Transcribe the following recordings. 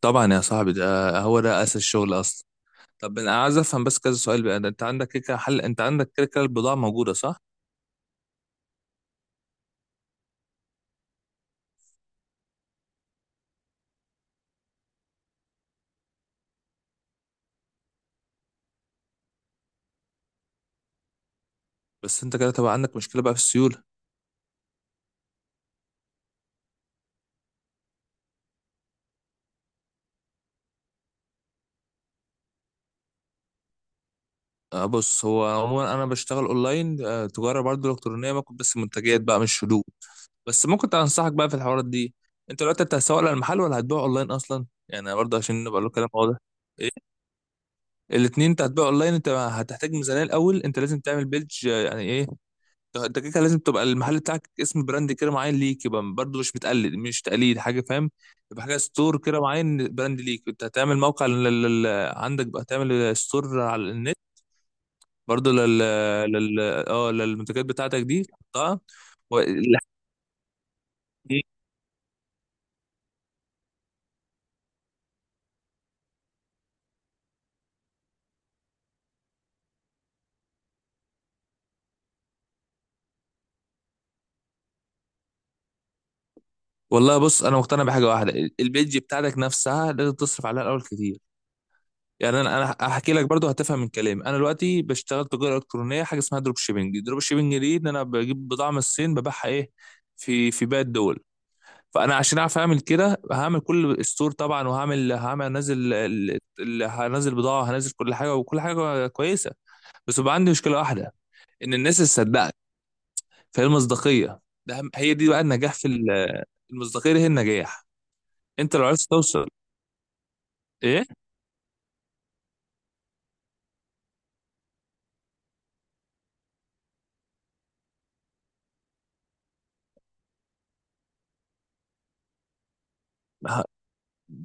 طبعا يا صاحبي، ده هو ده اساس الشغل اصلا. طب انا عايز افهم بس كذا سؤال بقى. ده انت عندك كده كده حل، انت عندك كده كده البضاعه موجوده صح؟ بس انت كده تبقى عندك مشكله بقى في السيوله. آه بص، هو عموما انا بشتغل اونلاين، آه، تجاره برضه الكترونيه، ممكن بس منتجات بقى مش حدود. بس ممكن انصحك بقى في الحوارات دي. انت دلوقتي هتسوق للمحل ولا هتبيع اونلاين اصلا؟ يعني برضه عشان نبقى له كلام واضح. الاثنين؟ انت هتبيع اونلاين، انت هتحتاج ميزانيه الاول. انت لازم تعمل بيدج، يعني ايه؟ انت كده كده لازم تبقى المحل بتاعك اسم براند كده معين ليك، يبقى برضه مش متقلد، مش تقليد حاجه، فاهم؟ يبقى حاجه ستور كده معين، براند ليك. انت هتعمل موقع لل... عندك بقى، تعمل ستور على النت، برضه لل لل اه للمنتجات بتاعتك دي تحطها. و... والله بص، انا مقتنع بحاجه واحده. البيج بتاعتك نفسها لازم تصرف عليها الاول كتير. يعني انا هحكي لك برضو هتفهم من كلامي. انا دلوقتي بشتغل تجاره الكترونيه حاجه اسمها دروب شيبنج. دروب شيبنج دي ان انا بجيب بضاعه من الصين ببيعها ايه، في باقي الدول. فانا عشان اعرف اعمل كده هعمل كل ستور طبعا، وهعمل هعمل هنزل هنزل بضاعه، هنزل كل حاجه وكل حاجه كويسه. بس بقى عندي مشكله واحده، ان الناس تصدقك. فهي المصداقيه. هي دي بقى النجاح في المصداقيه دي هي النجاح. انت لو عرفت توصل ايه،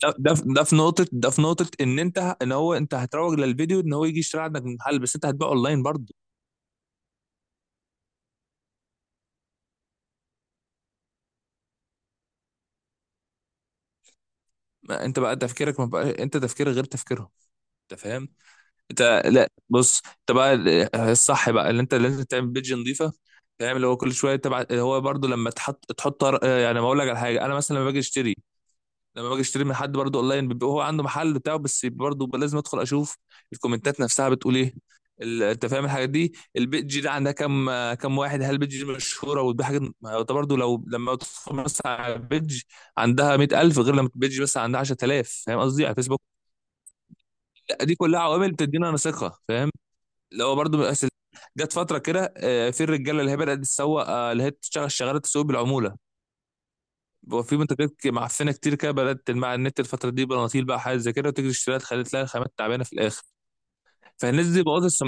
ده في نقطة إن أنت إن هو أنت هتروج للفيديو، إن هو يجي يشتري عندك من محل، بس أنت هتبيع أونلاين برضه. ما أنت بقى تفكيرك، ما بقى أنت تفكيرك غير تفكيرهم. أنت فاهم؟ أنت لا بص، أنت بقى الصح بقى اللي أنت لازم تعمل بيدج نظيفة، فاهم؟ اللي هو كل شوية تبع، هو برضه لما يعني ما أقول لك على حاجة. أنا مثلا لما باجي أشتري لما باجي اشتري من حد برضه اونلاين، بيبقى هو عنده محل بتاعه، بس برضه لازم ادخل اشوف الكومنتات نفسها بتقول ايه. انت فاهم الحاجات دي، البيج دي عندها كام واحد، هل البيج دي مشهوره وده حاجه. ما هو ده برضه لو لما تدخل مثلا على البيج عندها 100,000، غير لما البيج مثلا عندها 10,000، فاهم قصدي، على فيسبوك. لا دي كلها عوامل بتدينا انا ثقه، فاهم. لو برضه من جت فتره كده، في الرجاله اللي هي بدات تسوق، اللي هي بتشتغل شغاله تسوق بالعموله. بقى في منتجات معفنه كتير كده بدات تلمع على النت الفتره دي، بناطيل بقى حاجات زي كده، وتجري تشتريها تخلي تلاقي الخامات تعبانه في الاخر. فالناس دي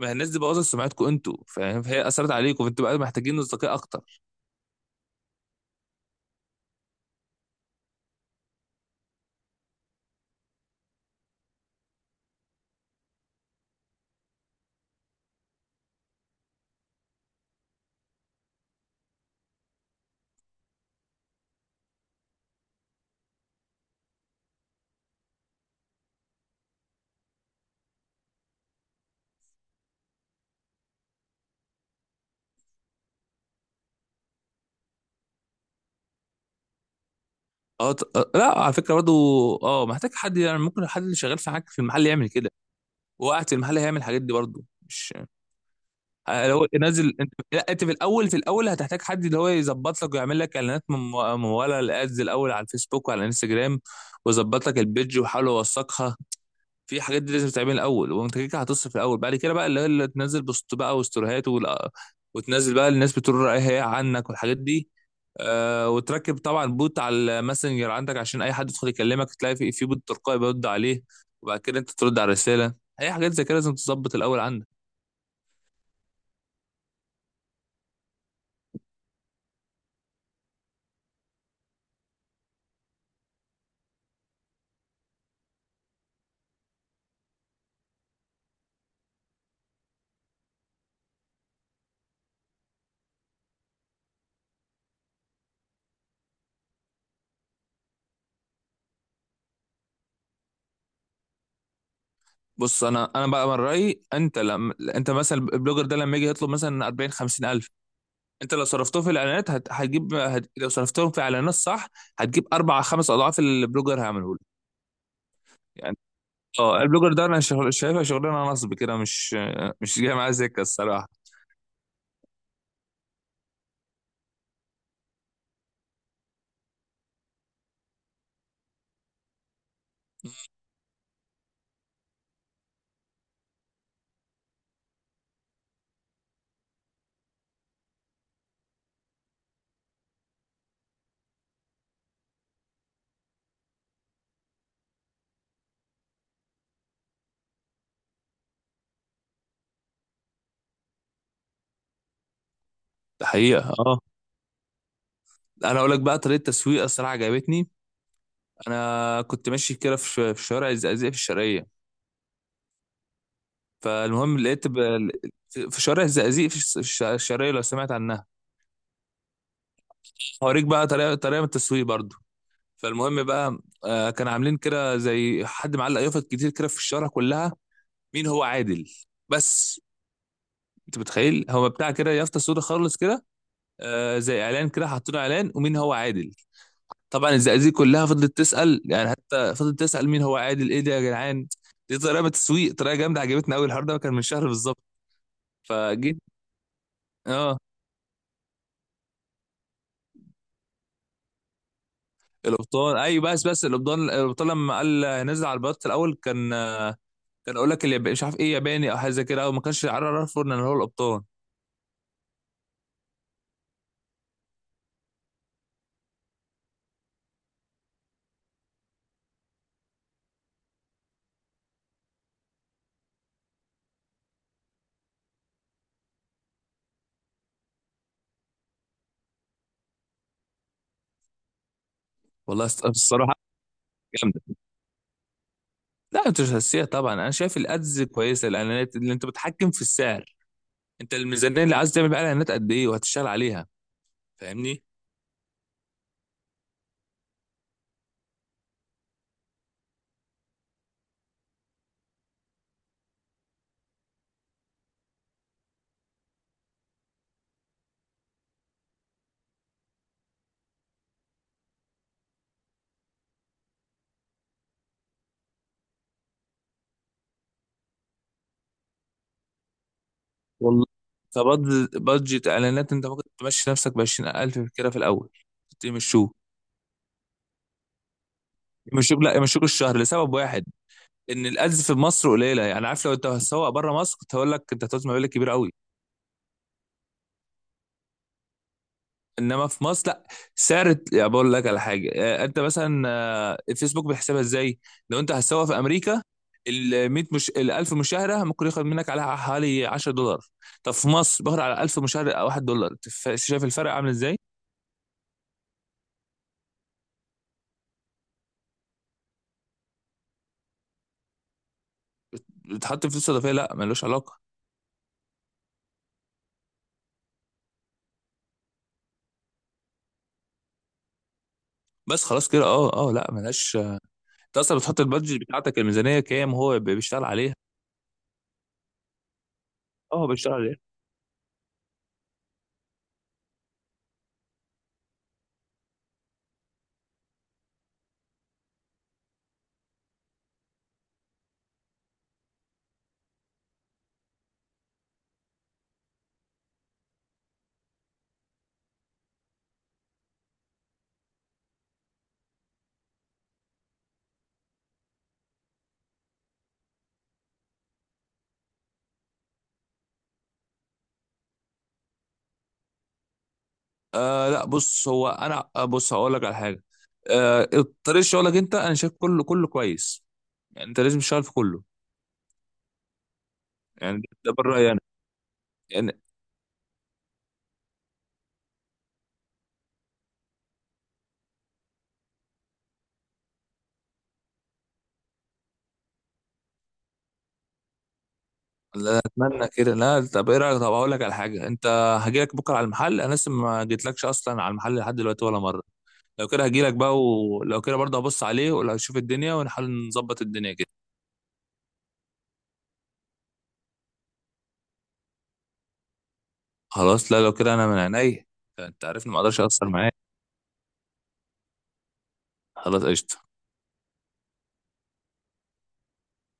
ما الناس دي بوظت سمعتكم انتوا، فاهم؟ فهي اثرت عليكم، فانتوا بقى محتاجين اصدقاء اكتر. لا، على فكره برضو، اه، محتاج حد. يعني ممكن حد اللي شغال في حاجه في المحل يعمل كده، وقاعد في المحل هيعمل الحاجات دي برضو، مش لو نازل انت. لا انت في الاول، هتحتاج حد اللي هو يظبط لك ويعمل لك اعلانات مموله، الادز الاول على الفيسبوك وعلى الانستجرام، ويظبط لك البيج ويحاول يوثقها. في حاجات دي لازم تعملها الاول، وانت كده كده هتصرف الاول. بعد كده بقى اللي هي اللي تنزل بوست بقى وستوريهات وتنزل بقى، الناس بتقول رايها ايه عنك والحاجات دي. آه، وتركب طبعا بوت على الماسنجر عندك، عشان اي حد يدخل يكلمك تلاقي في بوت تلقائي بيرد عليه، وبعد كده انت ترد على الرساله. اي حاجات زي كده لازم تظبط الاول عندك. بص، انا بقى من رايي، انت لما انت مثلا، البلوجر ده لما يجي يطلب مثلا 40 50 الف، انت لو صرفتهم في الاعلانات هتجيب، لو صرفتهم في اعلانات صح، هتجيب اربع خمس اضعاف اللي البلوجر هيعمله لك. يعني اه، البلوجر ده انا شغل شايفها شغلانه نصب كده، مش جايه معايا سكه الصراحه. ده حقيقه اه. انا اقول لك بقى طريقه تسويق الصراحه عجبتني. انا كنت ماشي كده في شوارع الزقازيق في الشرقيه، فالمهم لقيت في شوارع الزقازيق في الشرقيه، لو سمعت عنها. هوريك بقى طريقه، طريقه من التسويق برضو. فالمهم بقى، كان عاملين كده زي حد معلق يافط كتير كده في الشارع كلها: مين هو عادل؟ بس. انت متخيل، هو بتاع كده يافطه سودا خالص كده، آه، زي اعلان كده، حطوا له اعلان: ومين هو عادل؟ طبعا الزقازيق كلها فضلت تسال، يعني حتى فضلت تسال مين هو عادل، ايه ده يا جدعان. دي طريقه من التسويق، طريقه جامده عجبتني قوي. الحوار ده كان من شهر بالظبط. فجيت اه، الابطال ايوه. بس بس الابطال، الابطال لما قال نزل على البلاط في الاول، كان كان اقول لك الياباني مش عارف ايه، ياباني او حاجه زي كده، او ما كانش عارف ان هو الابطال. والله الصراحه جامده. لا انت مش هتسيها طبعا، انا شايف الادز كويسه، الاعلانات اللي انت بتحكم في السعر. انت الميزانيه اللي عايز تعمل بقى اعلانات قد ايه وهتشتغل عليها، فاهمني؟ والله كبادجت اعلانات انت ممكن تمشي نفسك ب 20,000 كده في الاول. يمشوه، يمشوك. لا يمشوك الشهر لسبب واحد، ان الادز في مصر قليله. يعني عارف، لو انت هتسوق بره مصر كنت هقول لك انت هتعوز مبالغ كبيره قوي. انما في مصر لا. سعر يعني، بقول لك على حاجه، انت مثلا، الفيسبوك بيحسبها ازاي؟ لو انت هتسوق في امريكا، ال 100 مش ال 1000 مشاهده، ممكن ياخد منك على حوالي 10 دولار. طب في مصر باخد على 1000 مشاهده 1 دولار. أنت شايف الفرق عامل ازاي؟ بتحط فلوس اضافيه؟ لا، ملوش علاقه. بس خلاص كده، اه اه، لا ملهاش. انت اصلا بتحط البادجت بتاعتك الميزانيه كام، هو بيشتغل عليها. اه هو بيشتغل عليها. آه لا بص، هو انا، بص هقول لك على حاجه. آه، طريقه شغلك انت، انا شايف كله كله كويس. يعني انت لازم تشتغل في كله، يعني ده بالراي انا، يعني. لا اتمنى كده. لا، طب ايه رايك، طب هقول لك على حاجه انت. هجيلك بكره على المحل، انا لسه ما جيتلكش اصلا على المحل لحد دلوقتي ولا مره. لو كده هجيلك بقى، ولو كده برضه هبص عليه، ولو اشوف الدنيا ونحاول نظبط الدنيا كده. خلاص، لا لو كده انا من عينيا. انت عارفني ما اقدرش اقصر معاك. خلاص قشطه.